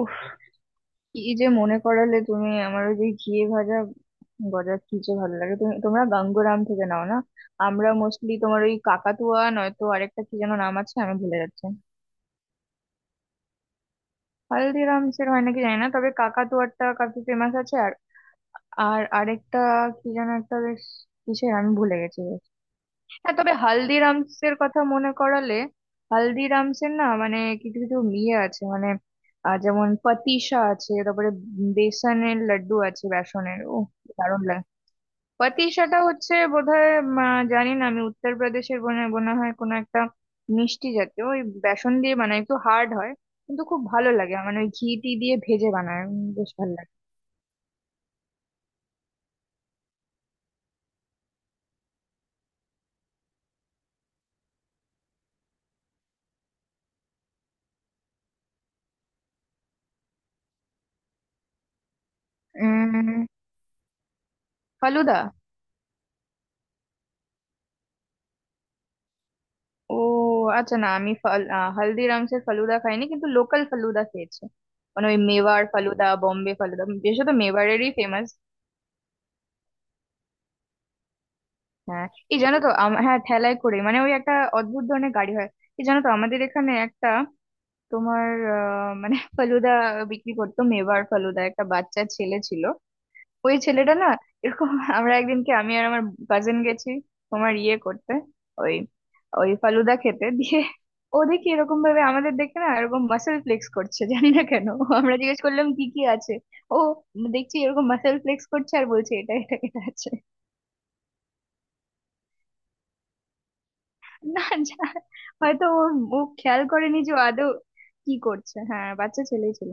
উফ, কি যে মনে করালে তুমি! আমার ওই যে ঘিয়ে ভাজা গজা কি যে ভালো লাগে। তুমি তোমরা গাঙ্গুরাম থেকে নাও না? আমরা মোস্টলি তোমার ওই কাকাতুয়া, নয়তো আরেকটা কি যেন নাম আছে, আমি ভুলে যাচ্ছি। হালদিরামস এর হয় নাকি জানি না, তবে কাকাতুয়াটা কাফি ফেমাস আছে। আর আর আরেকটা কি যেন একটা বেশ কিসের, আমি ভুলে গেছি। হ্যাঁ, তবে হালদিরামস এর কথা মনে করালে। হালদিরামস এর না, মানে কিছু কিছু ইয়ে আছে, মানে যেমন পাতিসা আছে, তারপরে বেসনের লাড্ডু আছে, বেসনের ও দারুণ লাগে। পাতিসাটা হচ্ছে বোধহয় জানি না, আমি উত্তরপ্রদেশের মনে মনে হয় কোনো একটা মিষ্টি জাতীয় ওই বেসন দিয়ে বানায়, একটু হার্ড হয়, কিন্তু খুব ভালো লাগে। মানে ওই ঘি টি দিয়ে ভেজে বানায়, বেশ ভালো লাগে। উম ফালুদা। ও আচ্ছা, না আমি হালদিরামসের ফালুদা খাইনি, কিন্তু লোকাল ফালুদা খেয়েছি। মানে ওই মেওয়ার ফালুদা, বম্বে ফালুদা, বিশেষত মেওয়ারেরই ফেমাস। হ্যাঁ, এই জানো তো হ্যাঁ, ঠেলায় করে মানে ওই একটা অদ্ভুত ধরনের গাড়ি হয়। এই জানো তো আমাদের এখানে একটা তোমার মানে ফালুদা বিক্রি করতো, মেওয়ার ফালুদা, একটা বাচ্চা ছেলে ছিল। ওই ছেলেটা না এরকম আমরা একদিনকে আমি আর আমার কাজিন গেছি তোমার ইয়ে করতে, ওই ওই ফালুদা খেতে দিয়ে ও দেখি এরকম ভাবে আমাদের দেখে না, এরকম মাসেল ফ্লেক্স করছে, জানি না কেন। আমরা জিজ্ঞেস করলাম কি কি আছে, ও দেখছি এরকম মাসেল ফ্লেক্স করছে আর বলছে এটা এটা এটা আছে। না, যা, হয়তো ও, ও খেয়াল করেনি যে ও আদৌ কি করছে। হ্যাঁ, বাচ্চা ছেলেই ছিল।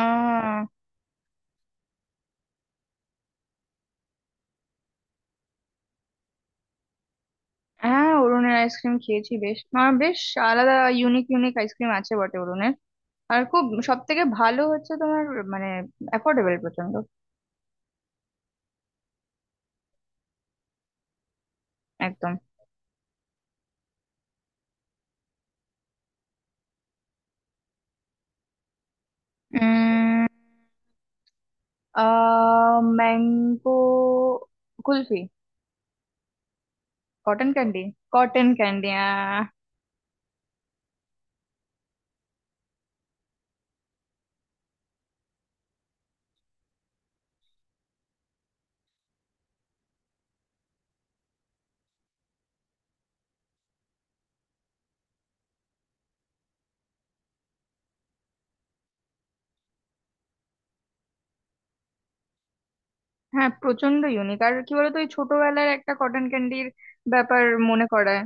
আহ, হ্যাঁ অরুণের আইসক্রিম খেয়েছি, বেশ, আমার বেশ আলাদা, ইউনিক ইউনিক আইসক্রিম আছে বটে অরুণের। আর খুব সব থেকে ভালো হচ্ছে তোমার মানে অ্যাফোর্ডেবল প্রচন্ড। একদম। উম আহ mango kulfi. Cotton candy. Cotton candy হ্যাঁ, প্রচন্ড ইউনিক। আর কি বলতো, ওই ছোটবেলার একটা কটন ক্যান্ডির ব্যাপার মনে করায়।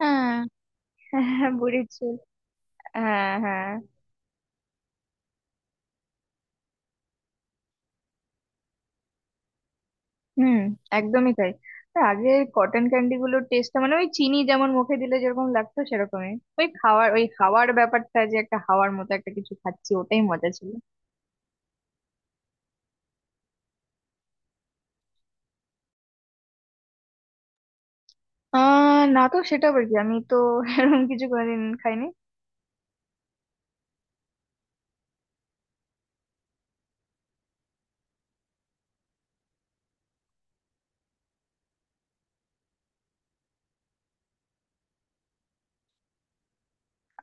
হ্যাঁ, হ্যাঁ বুড়ির চুল। হ্যাঁ, হ্যাঁ। হুম, একদমই তাই। তা আগে কটন ক্যান্ডি গুলোর টেস্টটা মানে ওই চিনি যেমন মুখে দিলে যেরকম লাগতো সেরকমই। ওই খাওয়ার ওই হাওয়ার ব্যাপারটা, যে একটা হাওয়ার মতো একটা কিছু খাচ্ছি, ওটাই মজা ছিল। আহ, না তো, সেটা আবার কি? আমি তো এরকম কিছু কোনোদিন খাইনি।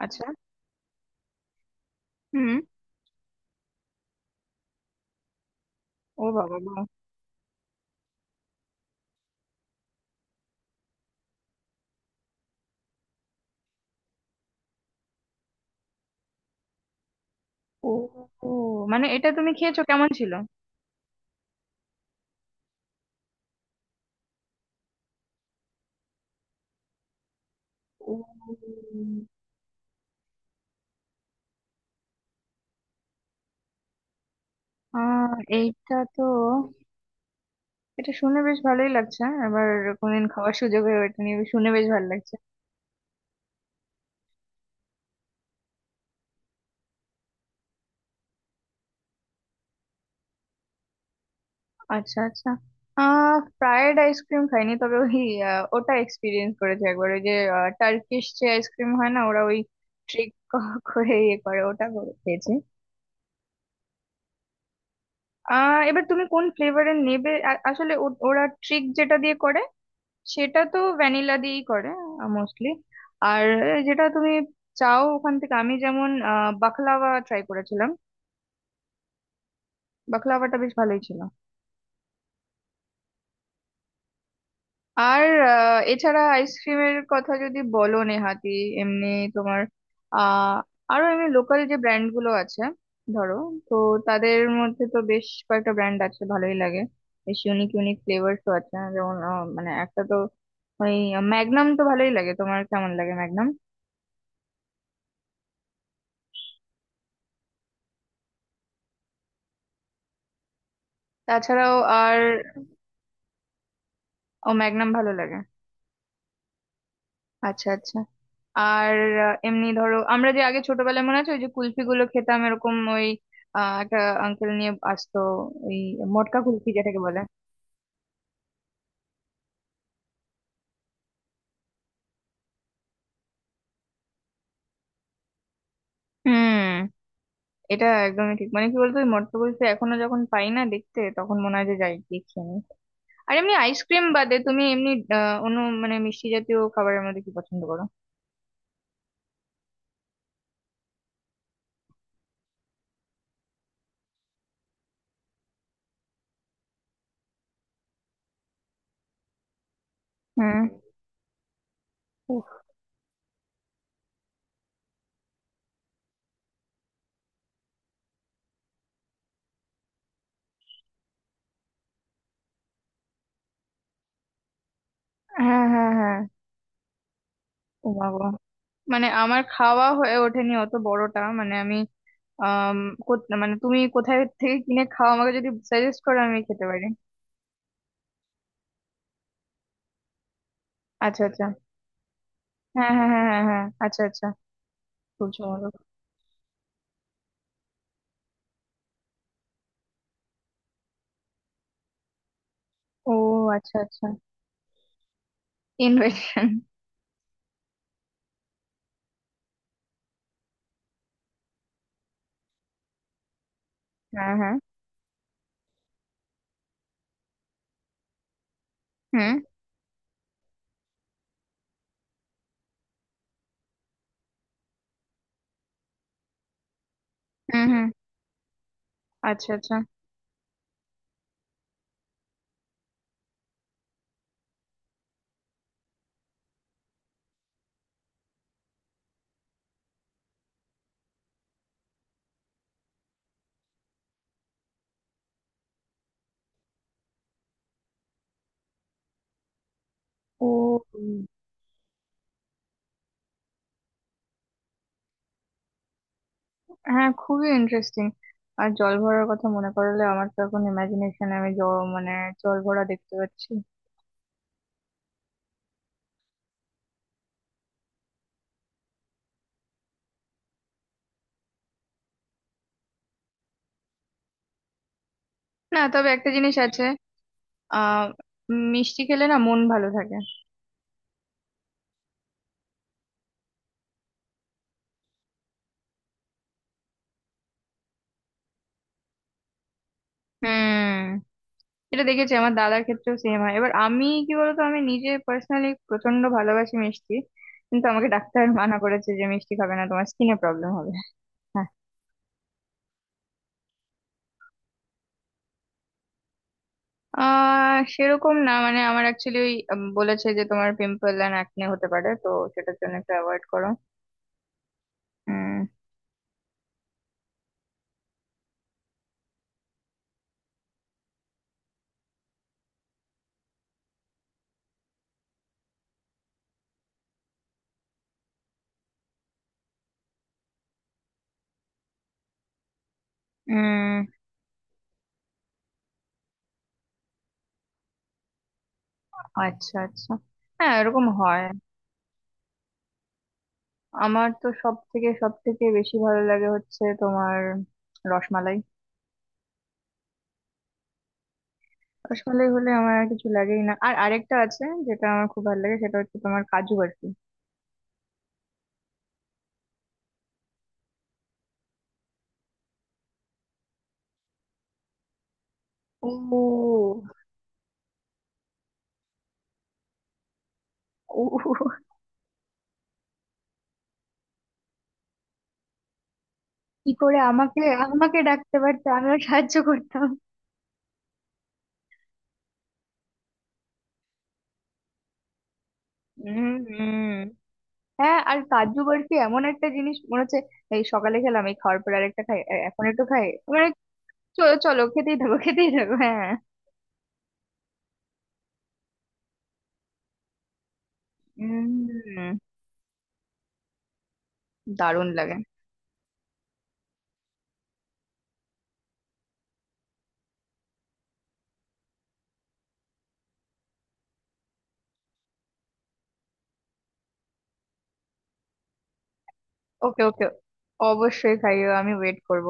আচ্ছা। হুম। ও বাবা, বা। ও, ও, মানে এটা তুমি খেয়েছো? কেমন ছিল? ও আহ, এইটা তো এটা শুনে বেশ ভালোই লাগছে হ্যাঁ। আবার কোনদিন খাওয়ার সুযোগ হয়ে ওঠেনি শুনে বেশ ভালো লাগছে। আচ্ছা আচ্ছা। আহ, ফ্রায়েড আইসক্রিম খাইনি, তবে ওই ওটা এক্সপিরিয়েন্স করেছি একবার। ওই যে টার্কিশ যে আইসক্রিম হয় না, ওরা ওই ট্রিক করে ইয়ে করে, ওটা করে খেয়েছি। আহ, এবার তুমি কোন ফ্লেভারের নেবে, আসলে ওরা ট্রিক যেটা দিয়ে করে সেটা তো ভ্যানিলা দিয়েই করে মোস্টলি। আর যেটা তুমি চাও ওখান থেকে। আমি যেমন আহ, বাকলাওয়া ট্রাই করেছিলাম, বাকলাওয়াটা বেশ ভালোই ছিল। আর এছাড়া আইসক্রিমের কথা যদি বলো, নেহাতি এমনি তোমার আহ আরো এমনি লোকাল যে ব্র্যান্ড গুলো আছে, ধরো, তো তাদের মধ্যে তো বেশ কয়েকটা ব্র্যান্ড আছে ভালোই লাগে। বেশ ইউনিক ইউনিক ফ্লেভারসও আছে। যেমন মানে একটা তো ওই ম্যাগনাম তো ভালোই লাগে। তোমার কেমন লাগে ম্যাগনাম? তাছাড়াও আর ও ম্যাগনাম ভালো লাগে। আচ্ছা আচ্ছা। আর এমনি ধরো আমরা যে আগে ছোটবেলায় মনে আছে ওই যে কুলফি গুলো খেতাম, এরকম ওই একটা আঙ্কেল নিয়ে আসতো ওই মটকা কুলফি যেটাকে বলে। হুম, এটা একদমই ঠিক। মানে কি বলতো, ওই মটকা কুলফি এখনো যখন পাই না দেখতে তখন মনে হয় যে যাই গিয়ে খেয়ে নিই। আর এমনি আইসক্রিম বাদে তুমি এমনি আহ, অন্য মানে মিষ্টি জাতীয় খাবারের মধ্যে কি পছন্দ করো? হুম। উফ, হ্যাঁ হ্যাঁ হ্যাঁ। ও বাবা, মানে আমার খাওয়া হয়ে ওঠেনি অত বড়টা, মানে আমি আম, মানে তুমি কোথায় থেকে কিনে খাও? আমাকে যদি সাজেস্ট করো আমি খেতে পারি। আচ্ছা আচ্ছা। হ্যাঁ হ্যাঁ হ্যাঁ হ্যাঁ হ্যাঁ, আচ্ছা আচ্ছা। সূর্য মোরগ। ও আচ্ছা আচ্ছা। ইনভেশন। হ্যাঁ হ্যাঁ। হুম হুম। হুম। আচ্ছা আচ্ছা। ও, উম, হ্যাঁ খুবই ইন্টারেস্টিং। আর জল ভরার কথা মনে করালে আমার তো এখন ইমাজিনেশন, আমি জল মানে জল ভরা দেখতে পাচ্ছি। না, তবে একটা জিনিস আছে। আহ, মিষ্টি খেলে না মন ভালো থাকে। হুম, এটা দেখেছি আমার দাদার ক্ষেত্রেও সেম হয়। এবার আমি কি বলতো, আমি নিজে পার্সোনালি প্রচন্ড ভালোবাসি মিষ্টি, কিন্তু আমাকে ডাক্তার মানা করেছে যে মিষ্টি খাবে না, তোমার স্কিনে প্রবলেম হবে। হ্যাঁ আহ, সেরকম না, মানে আমার অ্যাকচুয়ালি ওই বলেছে যে তোমার পিম্পল অ্যান্ড অ্যাকনে হতে পারে, তো সেটার জন্য একটু অ্যাভয়েড করো। উম উম আচ্ছা আচ্ছা। হ্যাঁ, এরকম হয়। আমার তো সব থেকে বেশি ভালো লাগে হচ্ছে তোমার রসমালাই। রসমালাই হলে আমার আর কিছু লাগেই না। আর আরেকটা আছে যেটা আমার খুব ভালো লাগে সেটা হচ্ছে তোমার কাজু বরফি। ও, ও কি করে! আমাকে আমাকে ডাকতে পারতে, আমিও সাহায্য করতাম। উম হুম। হ্যাঁ আর কাজু বরফি এমন একটা জিনিস মনে হচ্ছে এই সকালে খেলাম, এই খাওয়ার পর আরেকটা খাই, এখন একটু খাই, মানে চলো চলো খেতেই থাকো খেতেই থাকো হ্যাঁ। উম, দারুণ লাগে। ওকে ওকে, অবশ্যই খাইও, আমি ওয়েট করব।